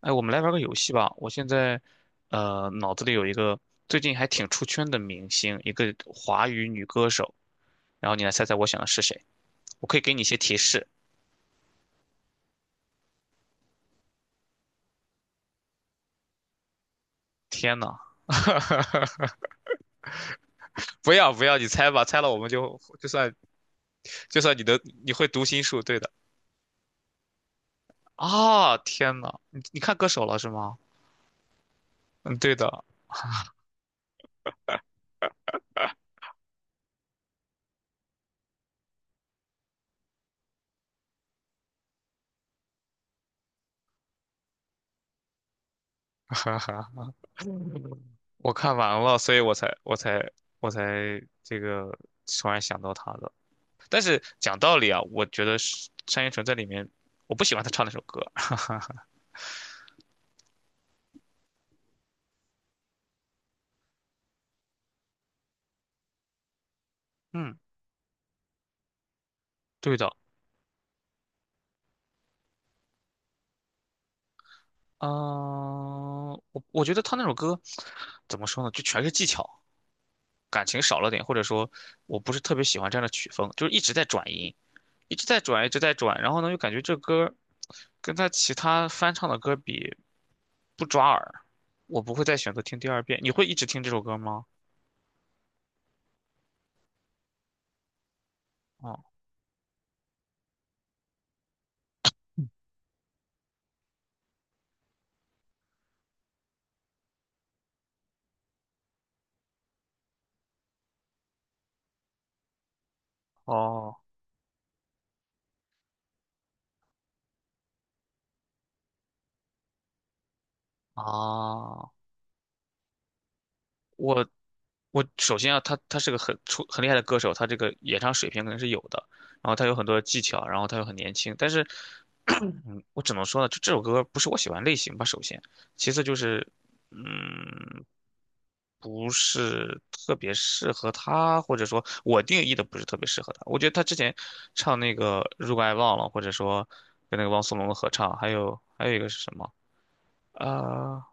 哎，我们来玩个游戏吧。我现在，脑子里有一个最近还挺出圈的明星，一个华语女歌手，然后你来猜猜我想的是谁。我可以给你一些提示。天呐，不要不要，你猜吧，猜了我们就算你会读心术，对的，啊，天呐，你看歌手了是吗？嗯，对的，哈哈，我看完了，所以我才这个突然想到他的。但是讲道理啊，我觉得是单依纯在里面，我不喜欢她唱那首歌。嗯，对的，嗯、我觉得她那首歌怎么说呢，就全是技巧，感情少了点，或者说我不是特别喜欢这样的曲风，就是一直在转音，一直在转，一直在转，然后呢又感觉这歌跟她其他翻唱的歌比不抓耳，我不会再选择听第二遍。你会一直听这首歌吗？哦。哦啊，我我首先啊，他是个很厉害的歌手，他这个演唱水平肯定是有的，然后他有很多技巧，然后他又很年轻，但是，我只能说呢，就这首歌不是我喜欢类型吧，首先，其次就是，嗯，不是特别适合他，或者说我定义的不是特别适合他。我觉得他之前唱那个《如果爱忘了》，或者说跟那个汪苏泷的合唱，还有一个是什么啊？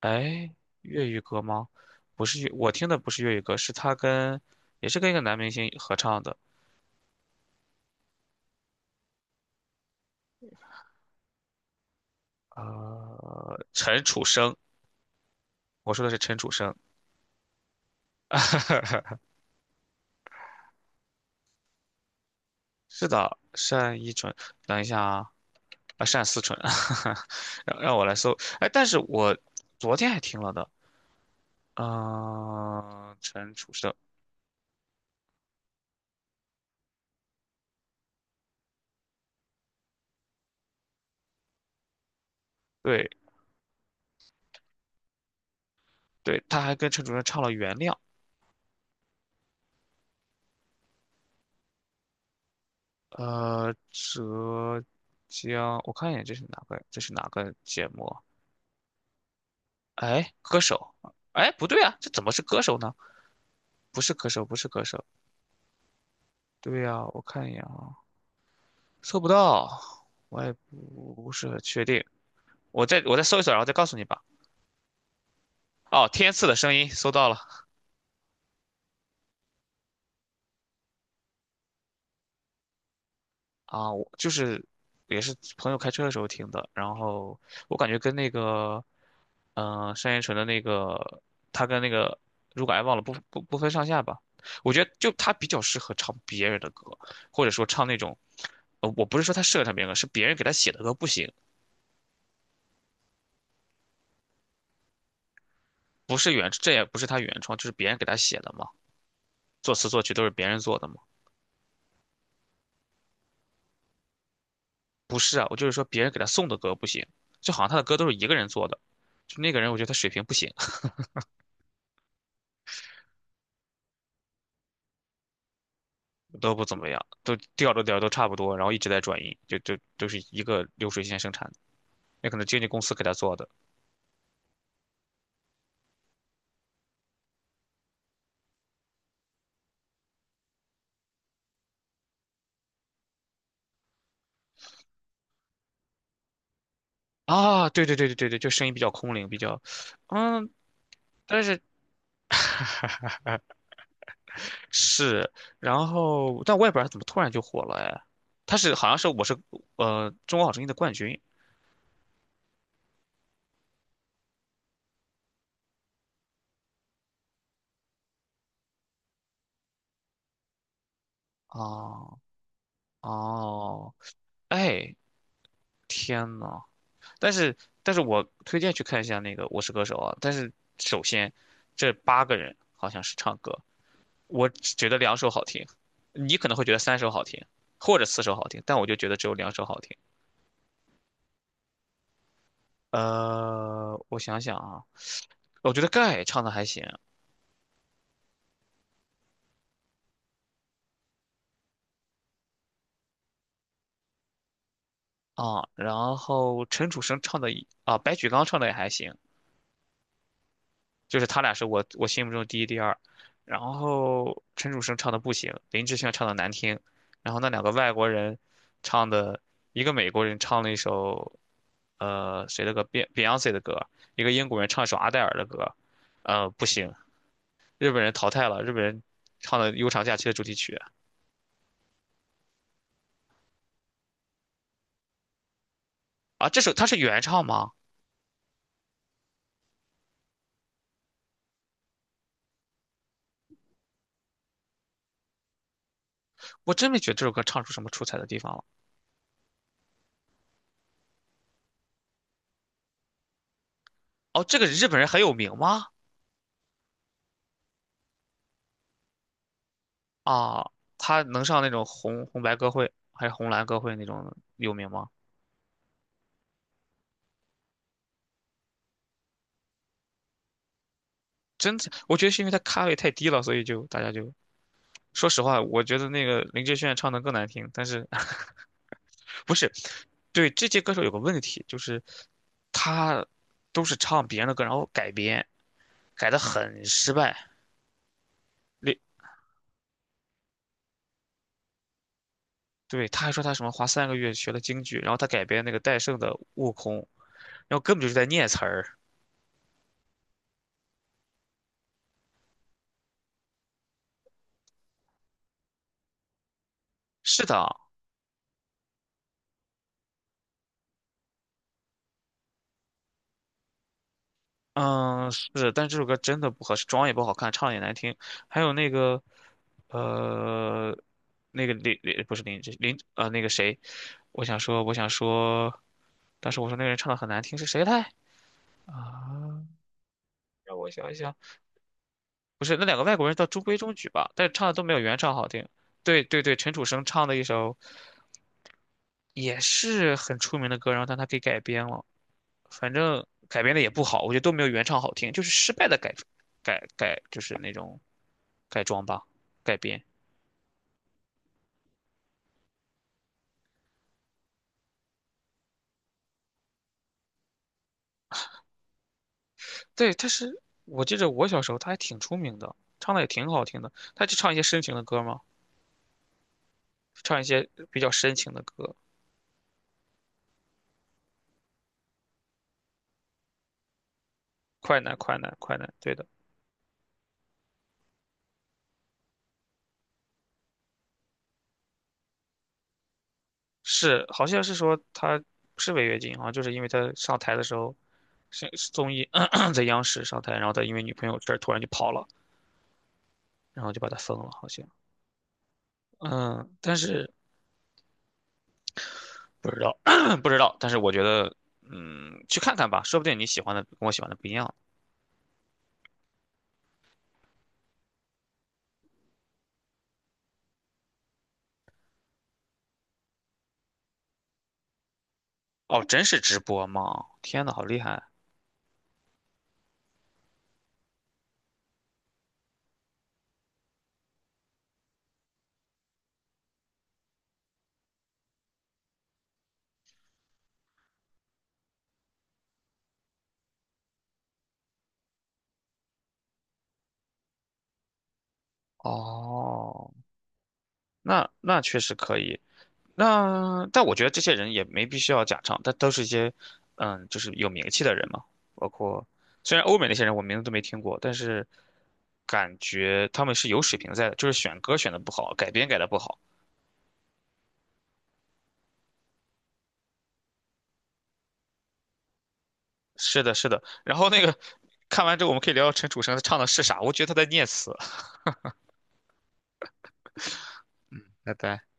哎，粤语歌吗？不是粤我听的不是粤语歌，是他跟也是跟一个男明星合唱的，陈楚生，我说的是陈楚生，是的，单依纯，等一下啊，啊，单思纯，让我来搜，哎，但是我昨天还听了的，嗯、陈楚生，对对，他还跟陈楚生唱了《原谅》，浙江，我看一眼这是哪个，这是哪个节目？哎，歌手，哎，不对啊，这怎么是歌手呢？不是歌手，不是歌手。对呀、我看一眼啊，搜不到，我也不是很确定。我再搜一搜，然后再告诉你吧。哦，天赐的声音搜到了啊，我就是也是朋友开车的时候听的，然后我感觉跟那个，单依纯的那个，他跟那个如果爱忘了不分上下吧。我觉得就他比较适合唱别人的歌，或者说唱那种我不是说他设唱成的歌，是别人给他写的歌不行，不是原，这也不是他原创，就是别人给他写的嘛，作词作曲都是别人做的嘛。不是啊，我就是说别人给他送的歌不行，就好像他的歌都是一个人做的，就那个人我觉得他水平不行，都不怎么样，都调着调都差不多，然后一直在转音，就就都是一个流水线生产的，那可能经纪公司给他做的啊，对对对对对对，就声音比较空灵，比较，嗯，但是。是，然后但我也不知道他怎么突然就火了哎，好像是中国好声音的冠军哦哦，哎天呐，但是但是我推荐去看一下那个《我是歌手》啊，但是首先这八个人好像是唱歌，我只觉得两首好听，你可能会觉得三首好听或者四首好听，但我就觉得只有两首好听。我想想啊，我觉得盖唱的还行，啊，然后陈楚生唱的也啊，白举纲唱的也还行，就是他俩是我心目中第一、第二。然后陈楚生唱的不行，林志炫唱的难听，然后那两个外国人唱的，一个美国人唱了一首谁的歌，Beyonce 的歌，一个英国人唱一首阿黛尔的歌，不行，日本人淘汰了，日本人唱的《悠长假期》的主题曲啊，这首他是原唱吗？我真没觉得这首歌唱出什么出彩的地方了。哦，这个日本人很有名吗？啊，他能上那种红白歌会还是红蓝歌会那种有名吗？真的，我觉得是因为他咖位太低了，所以就大家就说实话，我觉得那个林志炫唱的更难听。但是 不是，对这届歌手有个问题，就是他都是唱别人的歌，然后改编，改的很失败。那对，他还说他什么花三个月学了京剧，然后他改编那个戴胜的《悟空》，然后根本就是在念词儿。是的，嗯，是，但这首歌真的不合适，妆也不好看，唱也难听，还有那个，呃，那个林不是林志林那个谁，我想说，当时我说那个人唱的很难听是谁来啊？让我想一想，不是那两个外国人倒中规中矩吧，但是唱的都没有原唱好听。对对对，陈楚生唱的一首也是很出名的歌，然后但他给改编了。反正改编的也不好，我觉得都没有原唱好听，就是失败的改改改，就是那种改装吧，改编。对，他是我记着我小时候他还挺出名的，唱的也挺好听的。他就唱一些深情的歌嘛，唱一些比较深情的歌，快男快男快男，对的，是好像是说他是违约金啊，好像就是因为他上台的时候是综艺 在央视上台，然后他因为女朋友这儿突然就跑了，然后就把他封了，好像。嗯，但是不知道，不知道，但是我觉得，去看看吧，说不定你喜欢的跟我喜欢的不一样。哦，真是直播吗？天呐，好厉害！哦，那确实可以。那但我觉得这些人也没必须要假唱，但都是一些，就是有名气的人嘛。包括虽然欧美那些人我名字都没听过，但是感觉他们是有水平在的，就是选歌选的不好，改编改的不好。是的，是的。然后那个看完之后，我们可以聊聊陈楚生他唱的是啥，我觉得他在念词。拜拜。